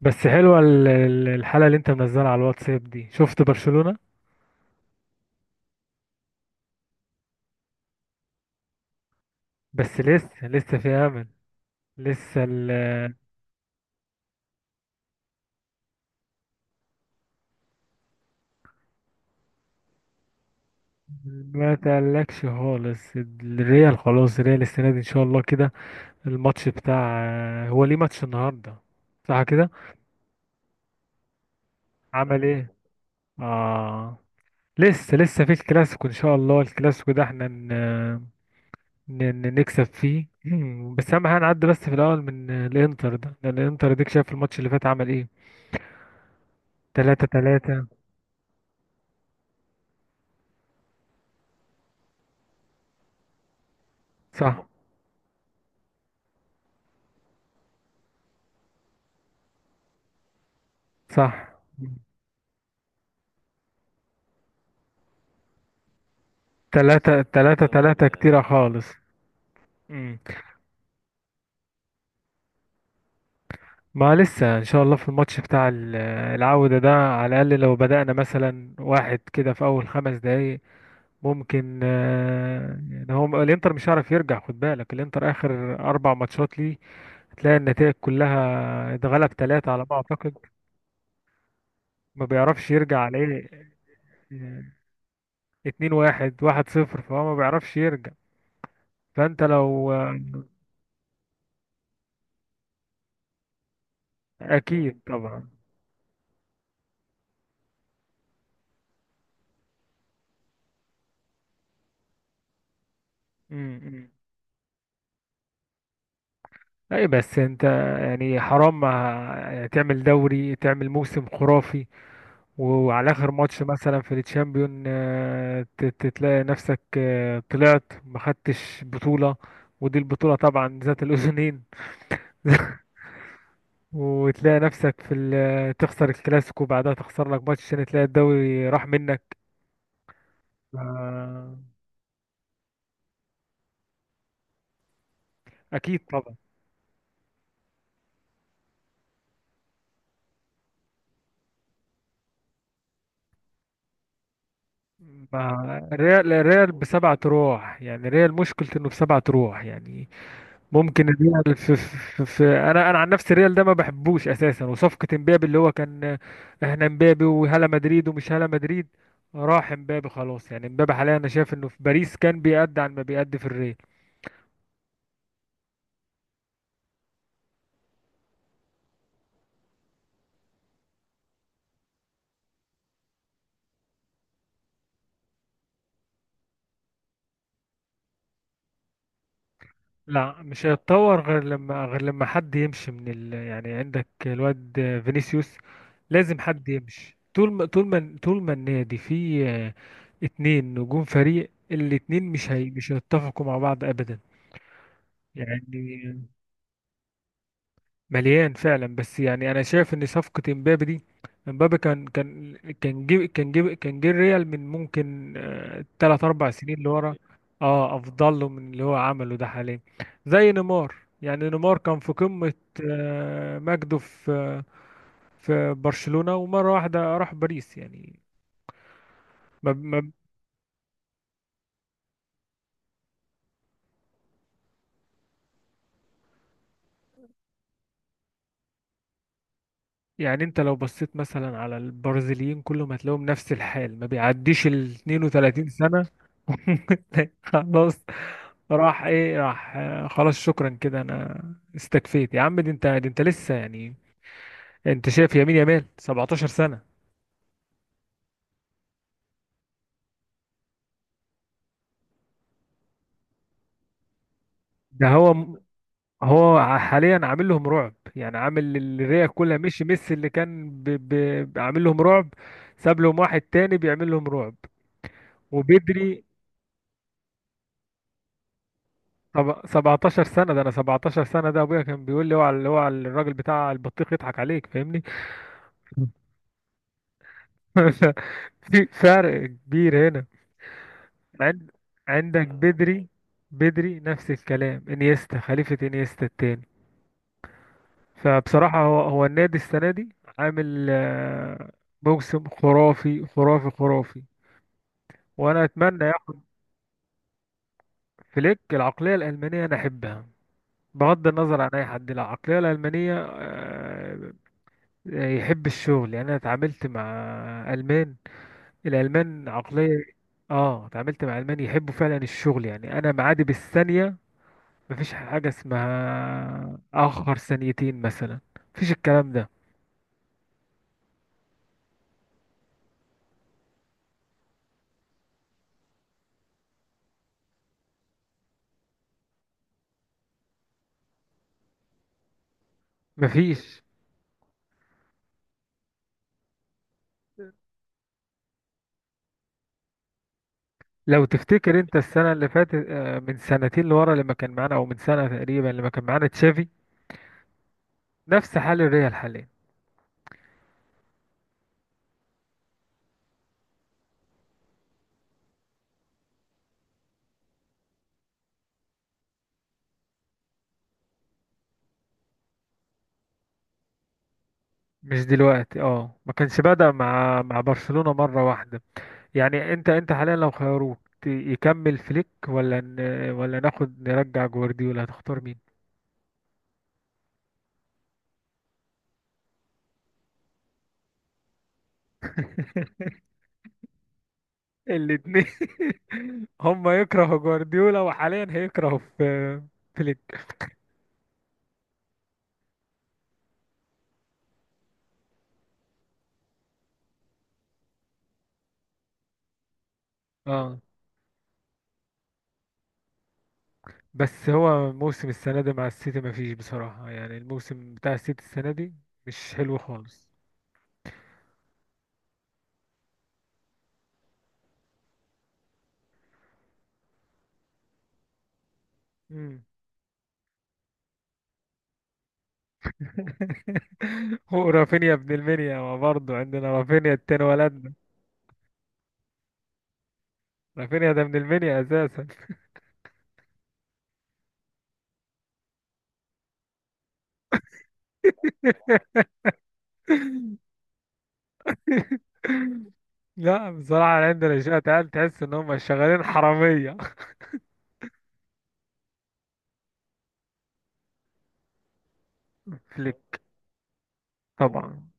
بس حلوة الحلقة اللي انت منزلها على الواتساب دي، شفت برشلونة. بس لسه في امل. لسه ال- ما تقلقش خالص، الريال خلاص. الريال السنة دي ان شاء الله كده. الماتش بتاع، هو ليه ماتش النهاردة؟ صح كده، عمل ايه؟ اه. لسه في الكلاسيكو ان شاء الله. الكلاسيكو ده احنا نكسب فيه. بس اهم حاجة نعدي بس في الاول من الانتر ده، لان الانتر، ديك شايف الماتش اللي فات عمل ايه؟ 3-3. صح، صح. تلاتة تلاتة، الموضوع تلاتة ده كتيرة خالص. مم. ما لسه ان شاء الله في الماتش بتاع العودة ده، على الاقل لو بدأنا مثلا واحد كده في اول خمس دقايق ممكن. يعني هو الانتر مش هيعرف يرجع. خد بالك الانتر اخر اربع ماتشات ليه هتلاقي النتائج كلها اتغلب تلاتة على ما اعتقد. ما بيعرفش يرجع على ايه. آه، اتنين واحد، واحد صفر، فهو ما بيعرفش يرجع. فانت لو اكيد طبعا. مم. اي بس انت، يعني حرام تعمل دوري، تعمل موسم خرافي، وعلى اخر ماتش مثلا في التشامبيون تتلاقي نفسك طلعت ما خدتش بطولة، ودي البطولة طبعا ذات الاذنين. وتلاقي نفسك في تخسر الكلاسيكو، بعدها تخسر لك ماتش، عشان تلاقي الدوري راح منك. آه، اكيد طبعا. ما الريال الريال بسبعة روح يعني، الريال مشكلته انه بسبعة روح يعني. ممكن الريال في، انا عن نفسي الريال ده ما بحبوش اساسا، وصفقه امبابي اللي هو كان، احنا امبابي وهلا مدريد ومش هلا مدريد. راح امبابي خلاص يعني. امبابي حاليا انا شايف انه في باريس كان بيأدي عن ما بيأدي في الريال. لا مش هيتطور غير لما حد يمشي من يعني عندك الواد فينيسيوس. لازم حد يمشي. طول ما النادي فيه اتنين نجوم فريق، الاتنين مش هيتفقوا مع بعض ابدا. يعني مليان فعلا، بس يعني انا شايف ان صفقه امبابي دي، امبابي كان، جيب كان جيب كان جه الريال من ممكن تلات اربع سنين اللي ورا، اه افضل له من اللي هو عمله ده حاليا. زي نيمار يعني. نيمار كان في قمه مجده في برشلونه، ومره واحده راح باريس يعني. ما يعني انت لو بصيت مثلا على البرازيليين كلهم، هتلاقيهم نفس الحال، ما بيعديش ال 32 سنة. خلاص. راح ايه، راح خلاص شكرا كده. انا استكفيت يا عم. دي انت لسه يعني، انت شايف يمين يمال 17 سنة. ده هو م- هو ع- حاليا عامل لهم رعب يعني. عامل الريا كلها، مش ميسي اللي كان عامل لهم رعب. ساب لهم واحد تاني بيعمل لهم رعب، وبدري. طب 17 سنة، ده انا 17 سنة ده ابويا كان بيقول لي اوعى اللي هو الراجل بتاع البطيخ يضحك عليك، فاهمني؟ في فرق كبير هنا. عند عندك بدري، بدري نفس الكلام، انيستا، خليفة انيستا التاني. فبصراحة هو النادي السنة دي عامل موسم خرافي خرافي خرافي، وانا اتمنى ياخد. فليك، العقلية الألمانية انا احبها، بغض النظر عن اي حد. العقلية الألمانية يحب الشغل. يعني انا اتعاملت مع المان، الالمان عقليه. اه اتعاملت مع المان، يحبوا فعلا الشغل. يعني انا معادي بالثانيه، مفيش حاجه اسمها اخر ثانيتين مثلا، مفيش الكلام ده مفيش. لو تفتكر انت السنه اللي فاتت من سنتين لورا لما كان معانا، او من سنه تقريبا لما كان معانا تشافي، نفس حال الريال حاليا. مش دلوقتي، اه. ما كانش بدأ مع برشلونه مره واحده يعني. انت حاليا لو خيروك يكمل فليك ولا ناخد نرجع جوارديولا، هتختار مين؟ الاتنين. هما يكرهوا جوارديولا، وحاليا هيكرهوا في فليك. اه بس هو موسم السنة دي مع السيتي مفيش بصراحة يعني. الموسم بتاع السيتي السنة دي مش حلو خالص. مم. ورافينيا ابن المنيا، ما برضه عندنا رافينيا التاني، ولدنا. رافينيا ده ابن المنيا اساسا. لا بصراحة عندنا شوية عيال تحس إن هم شغالين حرامية. فليك طبعا.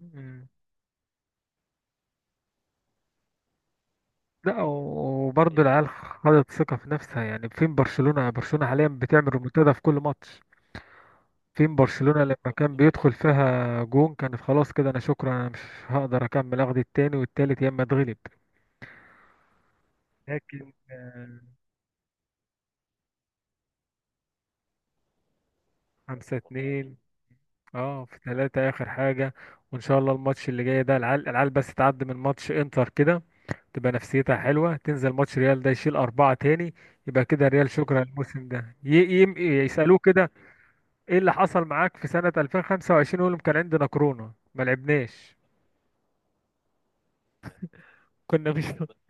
مم. لا وبرضه العيال خدت ثقة في نفسها. يعني فين برشلونة؟ برشلونة حاليا بتعمل ريمونتادا في كل ماتش. فين برشلونة لما كان بيدخل فيها جون، كان خلاص كده أنا شكرا، أنا مش هقدر أكمل، أخد التاني والتالت، يا إما أتغلب. لكن خمسة اتنين. اه، في تلاتة آخر حاجة. وإن شاء الله الماتش اللي جاي ده، العيال بس تعدي من ماتش إنتر كده، تبقى نفسيتها حلوة، تنزل ماتش ريال ده يشيل أربعة تاني، يبقى كده ريال شكرا الموسم ده يسألوه كده إيه اللي حصل معاك في سنة 2025، يقول لهم كان عندنا كورونا ما لعبناش. كنا مش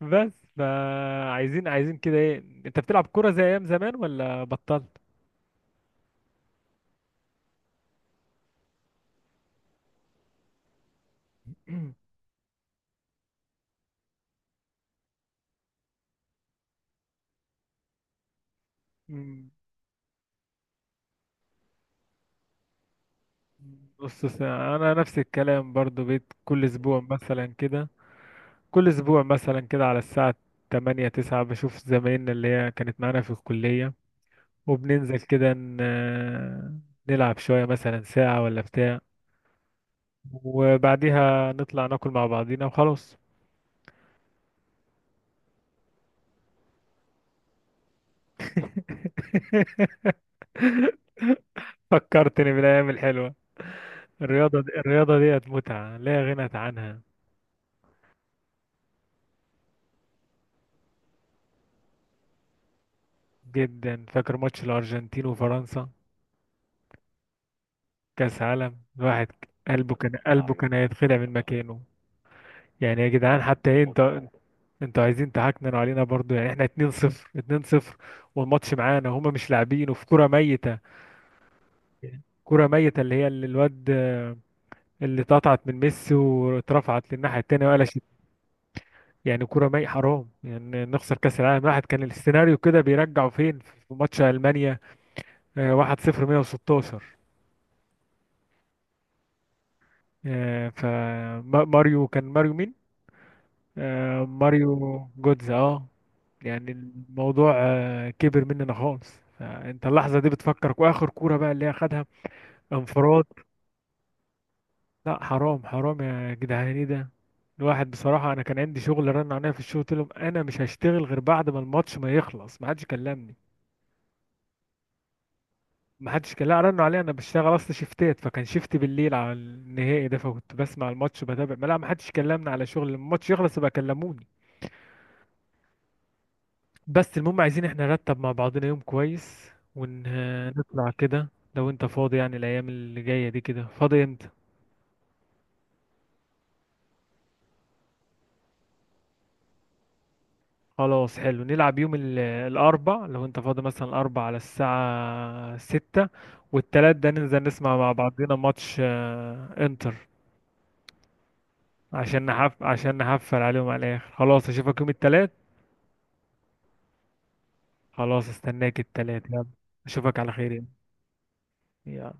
بس فعايزين كده ايه، انت بتلعب كورة زي ايام زمان ولا بطلت؟ بص انا نفس الكلام برضو، بيت كل اسبوع مثلا كده، كل اسبوع مثلا كده على الساعة 8 9 بشوف زمايلنا اللي هي كانت معانا في الكلية، وبننزل كده نلعب شوية مثلا ساعة ولا بتاع، وبعديها نطلع ناكل مع بعضينا وخلاص. فكرتني بالأيام الحلوة. الرياضة دي، الرياضة ديت متعة لا غنى عنها. جدا، فاكر ماتش الأرجنتين وفرنسا كأس عالم؟ الواحد قلبه كان، قلبه ايوه كان هيتخلع من مكانه. يعني يا جدعان حتى إيه انت، متعة. انتوا عايزين تهكننوا علينا برضو يعني؟ احنا 2-0 2-0 والماتش معانا وهما مش لاعبين، وفي كرة ميتة، كرة ميتة اللي هي اللي الواد اللي اتقطعت من ميسي واترفعت للناحية التانية وقلشت. يعني كرة ميتة. حرام يعني نخسر كأس العالم. الواحد كان السيناريو كده بيرجعوا، فين في ماتش ألمانيا 1-0 116. فماريو، كان ماريو مين؟ ماريو جودز، اه. يعني الموضوع كبر مننا خالص. انت اللحظة دي بتفكرك، واخر كورة بقى اللي هي خدها انفراد. لا حرام، حرام يا جدعان، ايه ده؟ الواحد بصراحة انا كان عندي شغل، رن عليا في الشغل، قلت لهم انا مش هشتغل غير بعد ما الماتش ما يخلص. ما حدش كلمني. ما حدش لا، رنوا عليا، انا بشتغل اصلا شيفتات، فكان شيفت بالليل على النهائي ده، فكنت بسمع الماتش بتابع. ما لا، ما حدش كلمني على شغل، لما الماتش يخلص يبقى كلموني. بس المهم عايزين احنا نرتب مع بعضنا يوم كويس، ونطلع كده لو انت فاضي يعني. الايام اللي جاية دي كده فاضي امتى؟ خلاص حلو، نلعب يوم الاربع، لو انت فاضي مثلا الاربع على الساعة ستة. والتلات ده ننزل نسمع مع بعضنا ماتش انتر، عشان نحفل عليهم على الاخر. خلاص اشوفك يوم التلات. خلاص استناك التلات، يلا. اشوفك على خير يعني. يلا